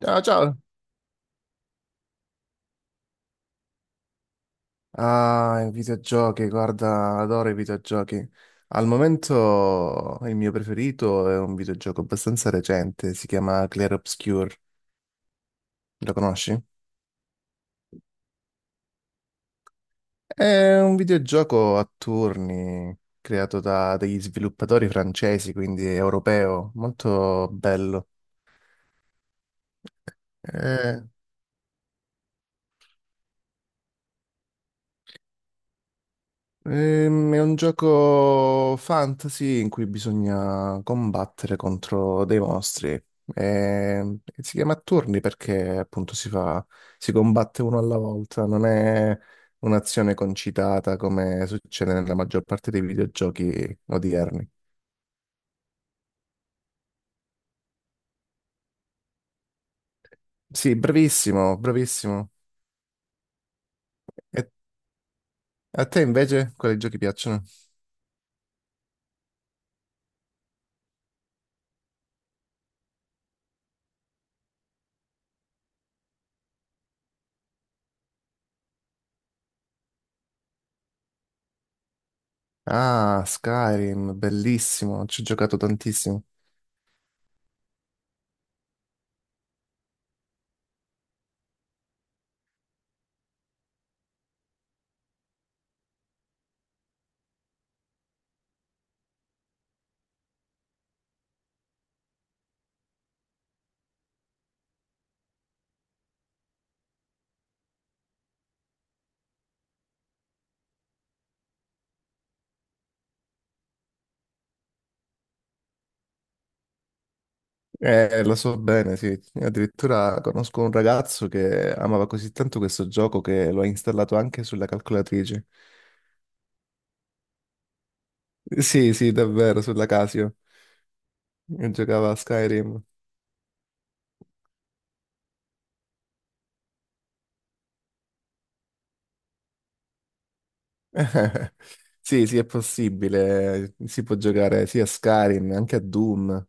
Ciao, ciao. Ah, i videogiochi, guarda, adoro i videogiochi. Al momento il mio preferito è un videogioco abbastanza recente, si chiama Clair Obscur. Lo conosci? È un videogioco a turni creato da degli sviluppatori francesi, quindi europeo, molto bello. Eh, è un gioco fantasy in cui bisogna combattere contro dei mostri. E si chiama a turni perché appunto si fa, si combatte uno alla volta, non è un'azione concitata come succede nella maggior parte dei videogiochi odierni. Sì, bravissimo, bravissimo. E a te invece quali giochi piacciono? Ah, Skyrim, bellissimo, ci ho giocato tantissimo. Lo so bene, sì. Addirittura conosco un ragazzo che amava così tanto questo gioco che lo ha installato anche sulla calcolatrice. Sì, sì, davvero, sulla Casio. E giocava a Skyrim. Sì, sì, è possibile. Si può giocare sia a Skyrim, anche a Doom.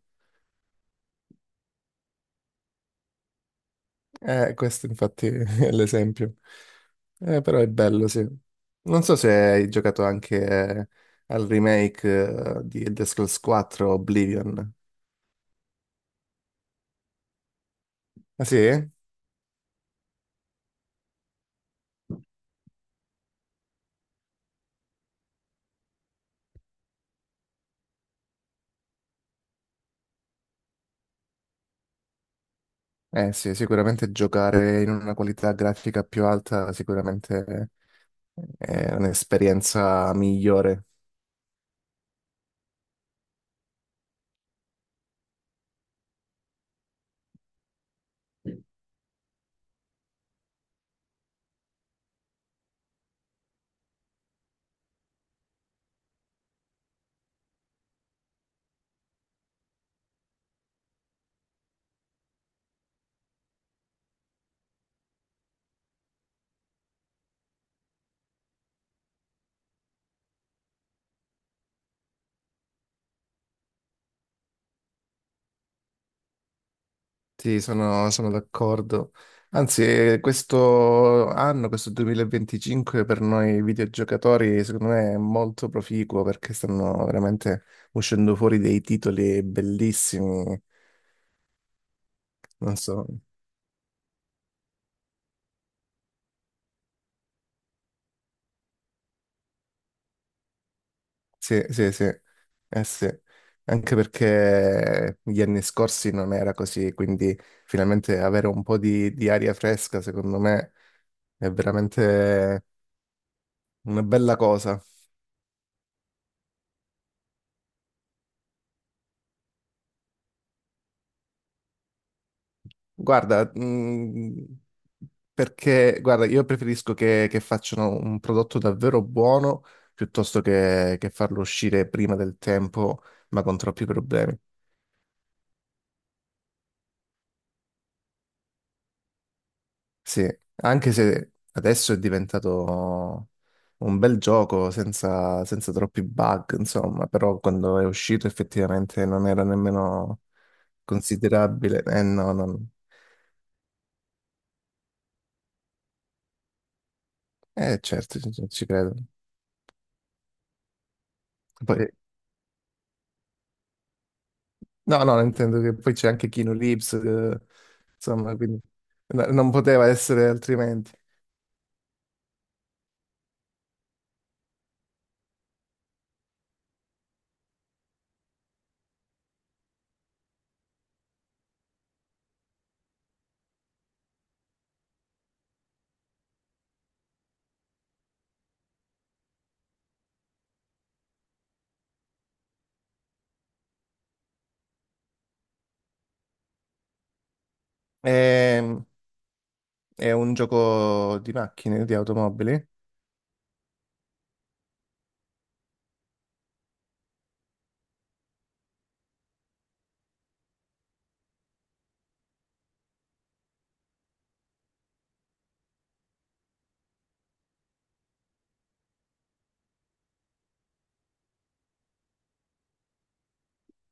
Questo infatti è l'esempio. Però è bello, sì. Non so se hai giocato anche al remake di The Scrolls 4 Oblivion. Ah sì? Eh sì, sicuramente giocare in una qualità grafica più alta sicuramente è un'esperienza migliore. Sì, sono, sono d'accordo. Anzi, questo anno, questo 2025 per noi videogiocatori, secondo me è molto proficuo perché stanno veramente uscendo fuori dei titoli bellissimi. Non so. Sì, sì, sì, eh sì, anche perché gli anni scorsi non era così, quindi finalmente avere un po' di aria fresca, secondo me, è veramente una bella cosa. Guarda, perché, guarda, io preferisco che facciano un prodotto davvero buono piuttosto che farlo uscire prima del tempo, ma con troppi problemi. Sì, anche se adesso è diventato un bel gioco senza troppi bug, insomma, però quando è uscito effettivamente non era nemmeno considerabile. Eh no, non... Eh certo, ci credo. Poi- No, no, intendo che poi c'è anche Keanu Reeves, insomma, quindi non poteva essere altrimenti. Ehm, È un gioco di macchine, di automobili.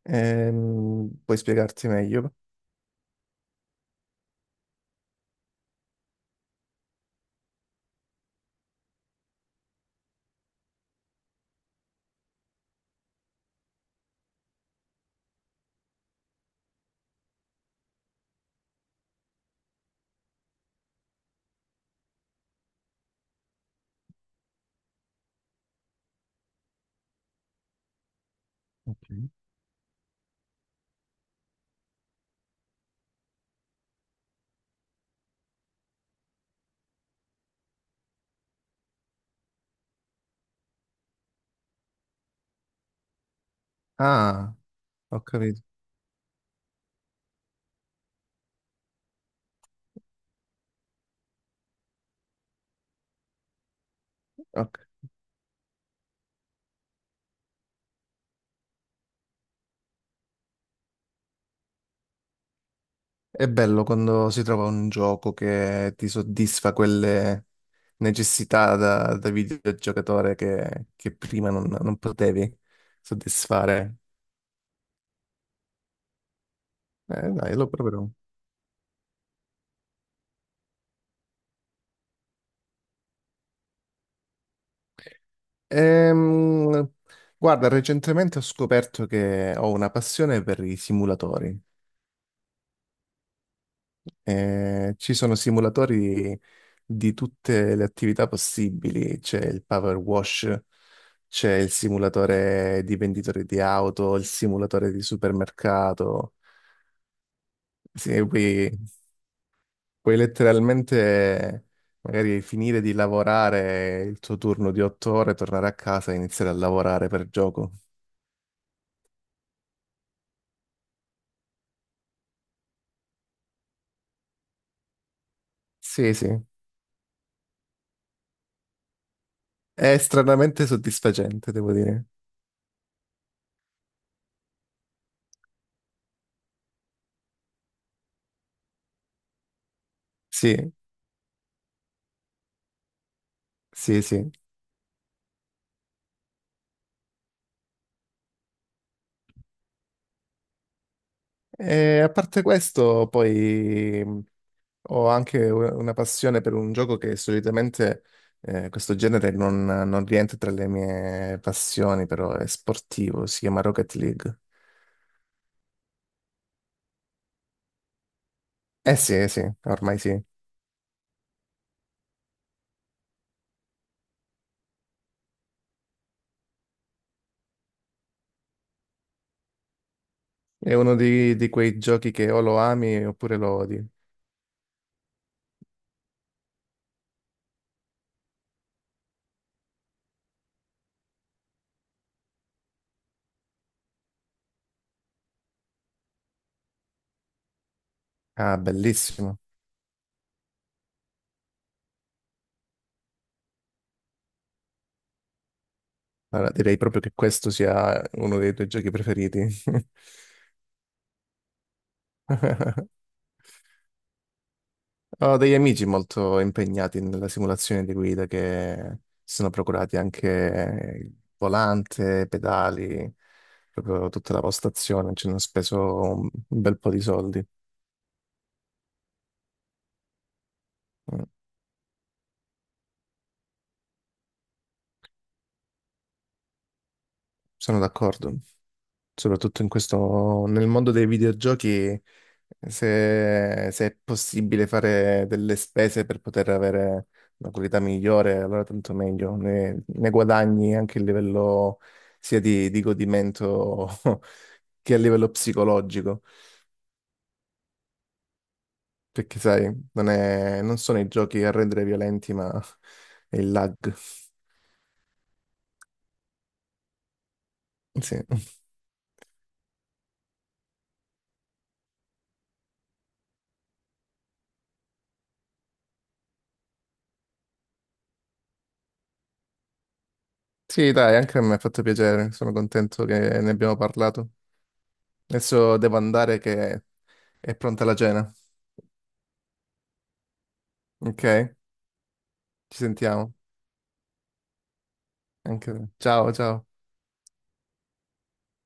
Puoi spiegarti meglio? Ok. Ah. Ho capito. Ok. È bello quando si trova un gioco che ti soddisfa quelle necessità da videogiocatore che prima non potevi soddisfare. Dai, lo proverò. Ehm, guarda, recentemente ho scoperto che ho una passione per i simulatori. Ci sono simulatori di tutte le attività possibili, c'è il power wash, c'è il simulatore di venditore di auto, il simulatore di supermercato. Sì, puoi letteralmente magari finire di lavorare il tuo turno di 8 ore, tornare a casa e iniziare a lavorare per gioco. Sì, sì, è stranamente soddisfacente, devo dire. Sì, sì, sì. E a parte questo, poi. Ho anche una passione per un gioco che solitamente questo genere non rientra tra le mie passioni, però è sportivo, si chiama Rocket League. Sì, eh sì, ormai sì. È uno di quei giochi che o lo ami oppure lo odi. Ah, bellissimo. Allora, direi proprio che questo sia uno dei tuoi giochi preferiti. Ho degli amici molto impegnati nella simulazione di guida che si sono procurati anche il volante, pedali, proprio tutta la postazione, ci hanno speso un bel po' di soldi. Mm, sono d'accordo. Soprattutto in questo, nel mondo dei videogiochi, se, se è possibile fare delle spese per poter avere una qualità migliore, allora tanto meglio, ne guadagni anche a livello sia di godimento che a livello psicologico, perché sai, non sono i giochi a rendere violenti, ma è il lag. Sì. Sì, dai, anche a me ha fatto piacere, sono contento che ne abbiamo parlato. Adesso devo andare che è pronta la cena. Ok, ci sentiamo. Anche te. Ciao, ciao.